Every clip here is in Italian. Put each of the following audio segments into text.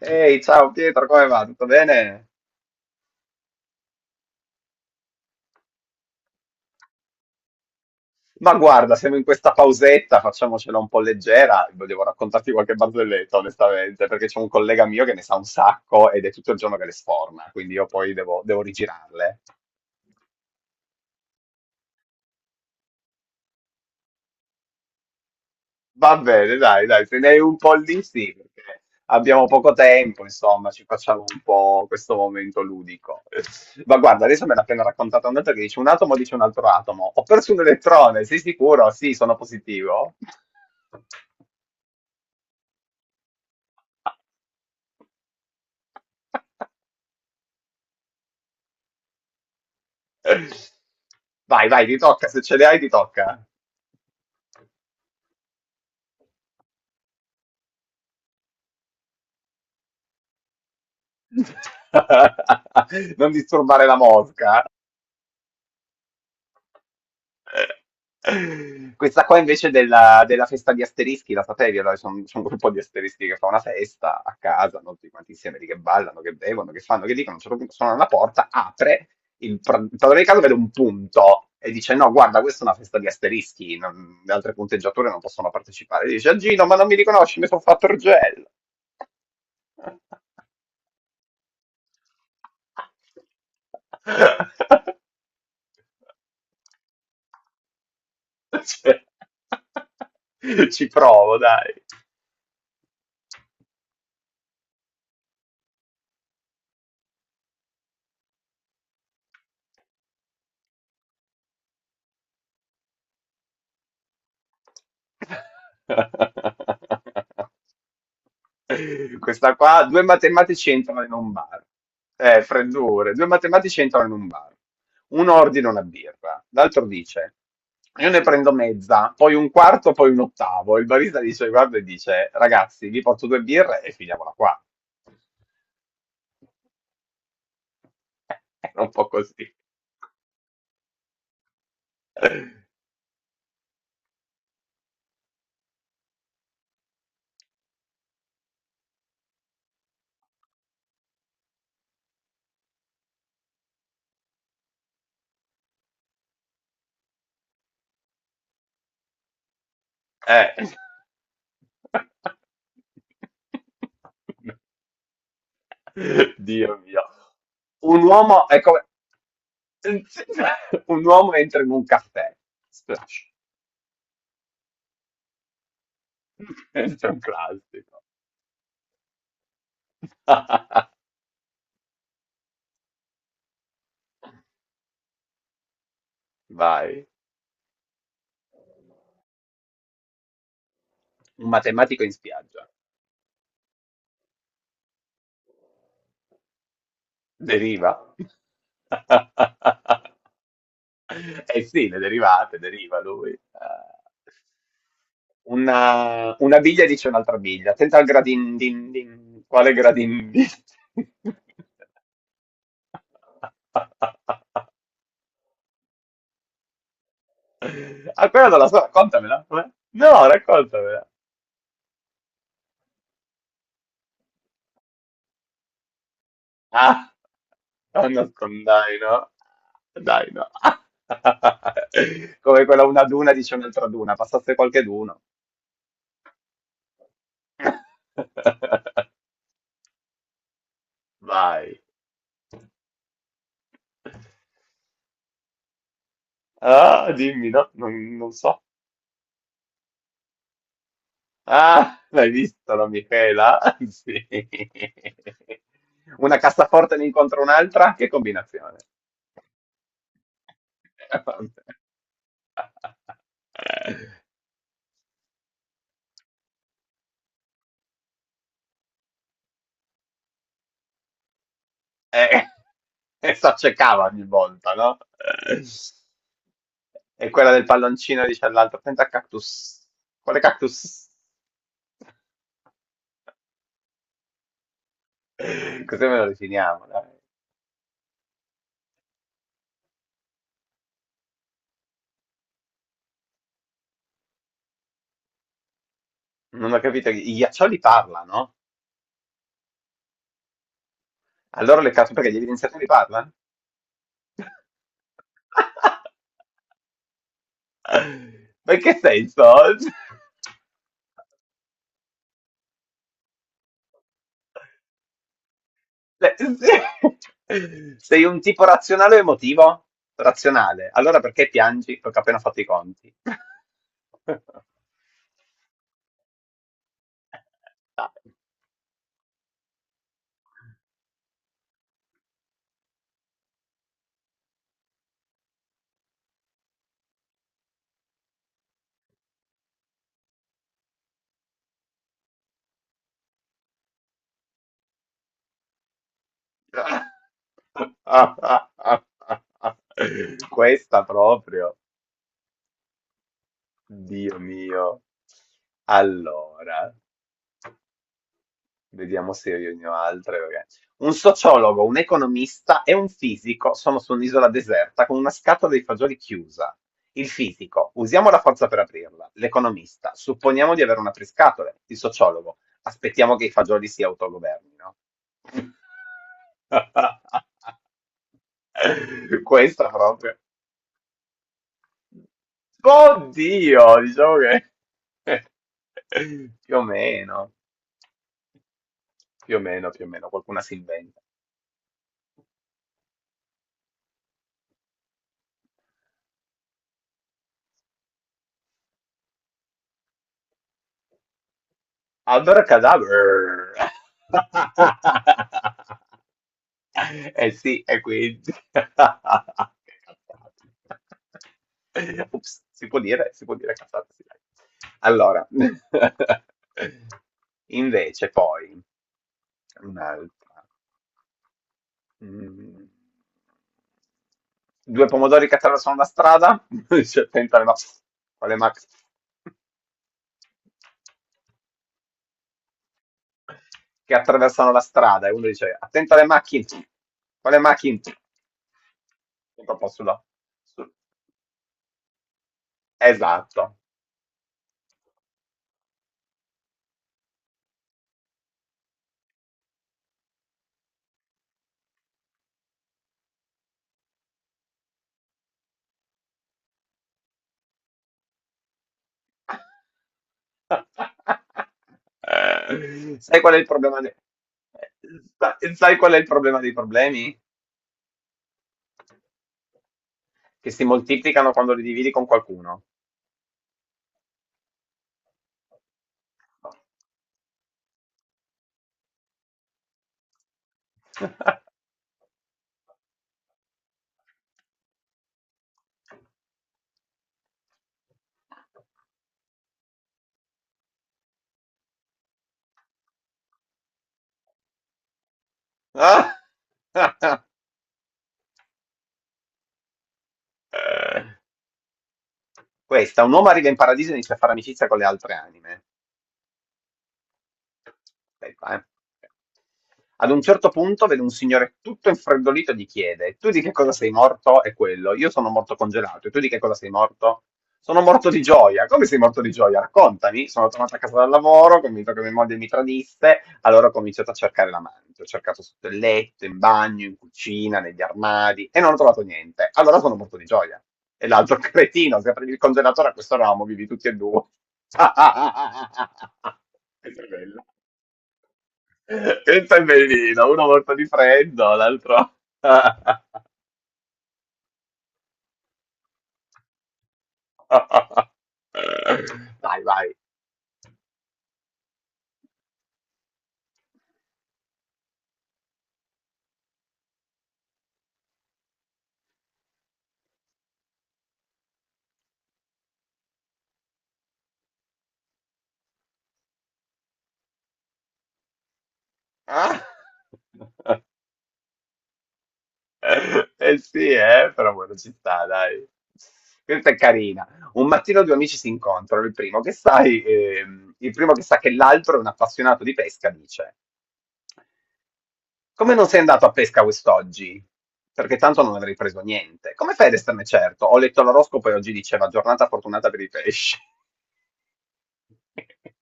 Ehi, ciao Pietro, come va? Tutto bene? Ma guarda, siamo in questa pausetta, facciamocela un po' leggera. Volevo raccontarti qualche barzelletta, onestamente, perché c'è un collega mio che ne sa un sacco ed è tutto il giorno che le sforna, quindi io poi devo rigirarle. Va bene, dai, se ne hai un po' lì, sì, perché abbiamo poco tempo, insomma, ci facciamo un po' questo momento ludico. Ma guarda, adesso me l'ha appena raccontata un'altra che dice un atomo dice un altro atomo. Ho perso un elettrone, sei sicuro? Sì, sono positivo. Vai, ti tocca, se ce le hai ti tocca. Non disturbare la mosca. Eh, questa qua invece della festa di asterischi, la sapevi? Allora, c'è un gruppo di asterischi che fa una festa a casa, no? Tutti quanti insieme lì che ballano, che bevono, che fanno, che dicono, a un certo punto suona la porta, apre, il padrone di casa vede un punto e dice no, guarda, questa è una festa di asterischi, le altre punteggiature non possono partecipare. Dice a Gino, ma non mi riconosci, mi sono fatto il gel. Cioè, ci provo, dai. Questa qua, due matematici entrano in un bar. Freddure. Due matematici entrano in un bar. Uno ordina una birra, l'altro dice: io ne prendo mezza, poi un quarto, poi un ottavo. Il barista dice: guarda, e dice, ragazzi, vi porto due birre e finiamola qua. Era un po' così. Eh. Dio mio. Un uomo è come... Un uomo entra in un caffè. Splash. Questo è un classico. Vai. Un matematico in spiaggia. Deriva. Eh sì, le derivate, deriva lui. Una biglia dice un'altra biglia. Attenta al gradin din din. Quale gradin din? Ah, quella non la so, raccontamela. Com'è? No, raccontamela. Ah, non nascondai, no? Dai, no. Come quella una duna dice un'altra duna, passasse qualche d'uno. Vai. Ah, dimmi, no, non so. Ah, l'hai visto la Michela? Sì. Una cassaforte ne incontra un'altra? Che combinazione. E, e s'accecava ogni volta, no? E quella del palloncino dice all'altro, senta cactus. Quale cactus? Così me lo definiamo, dai. Non ho capito, i ghiaccioli parlano? Allora le carte perché gli evidenziatori parlano? Ma in che senso? Cioè, sei un tipo razionale o emotivo? Razionale. Allora perché piangi? Perché ho appena fatto i conti. Questa proprio, Dio mio. Allora, vediamo se riunirò altre. Un sociologo, un economista e un fisico sono su un'isola deserta con una scatola di fagioli chiusa. Il fisico, usiamo la forza per aprirla. L'economista, supponiamo di avere un apriscatole. Il sociologo, aspettiamo che i fagioli si autogovernino. Questa proprio. Oddio, diciamo che più o meno. Più o meno, qualcuna si inventa. Abracadabra! Eh sì, e quindi... Che cazzate. Ups, si può dire cazzate, sì, dai. Allora, invece poi, un'altra. Mhmm. Due pomodori che attraversano la strada, uno dice: "Attenta alle quale mac" che attraversano la strada e uno dice: "Attenta alle macchine, quale macchine?" Sempre un po' sulla su esatto. Eh, Sai qual è il problema de sai qual è il problema dei problemi? Che si moltiplicano quando li dividi con qualcuno. Ah! Questa, un uomo arriva in paradiso e inizia a fare amicizia con le altre anime. Aspetta, eh. Ad un certo punto vede un signore tutto infreddolito e gli chiede: tu di che cosa sei morto? E quello, io sono morto congelato. E tu di che cosa sei morto? Sono morto di gioia. Come sei morto di gioia? Raccontami. Sono tornato a casa dal lavoro, convinto che mia moglie mi tradisse. Allora ho cominciato a cercare l'amante, ho cercato sotto il letto, in bagno, in cucina, negli armadi e non ho trovato niente. Allora sono morto di gioia. E l'altro cretino, se aprivi il congelatore a questo ramo, vivi tutti e due. Questa è bella. Questa è bellina, uno morto di freddo, l'altro... Vai. Ah? Eh sì, però buona città, dai. Questa è carina. Un mattino due amici si incontrano, il primo che sa che l'altro è un appassionato di pesca, dice, come non sei andato a pesca quest'oggi? Perché tanto non avrei preso niente. Come fai ad esserne certo? Ho letto l'oroscopo e oggi diceva giornata fortunata per i pesci.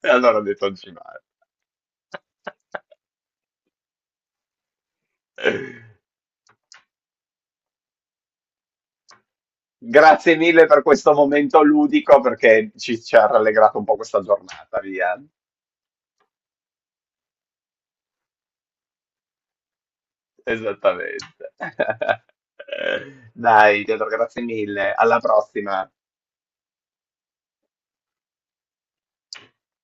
E allora ho detto, non ci vado. Grazie mille per questo momento ludico perché ci ha rallegrato un po' questa giornata, via. Esattamente. Dai, Pietro, grazie mille. Alla prossima.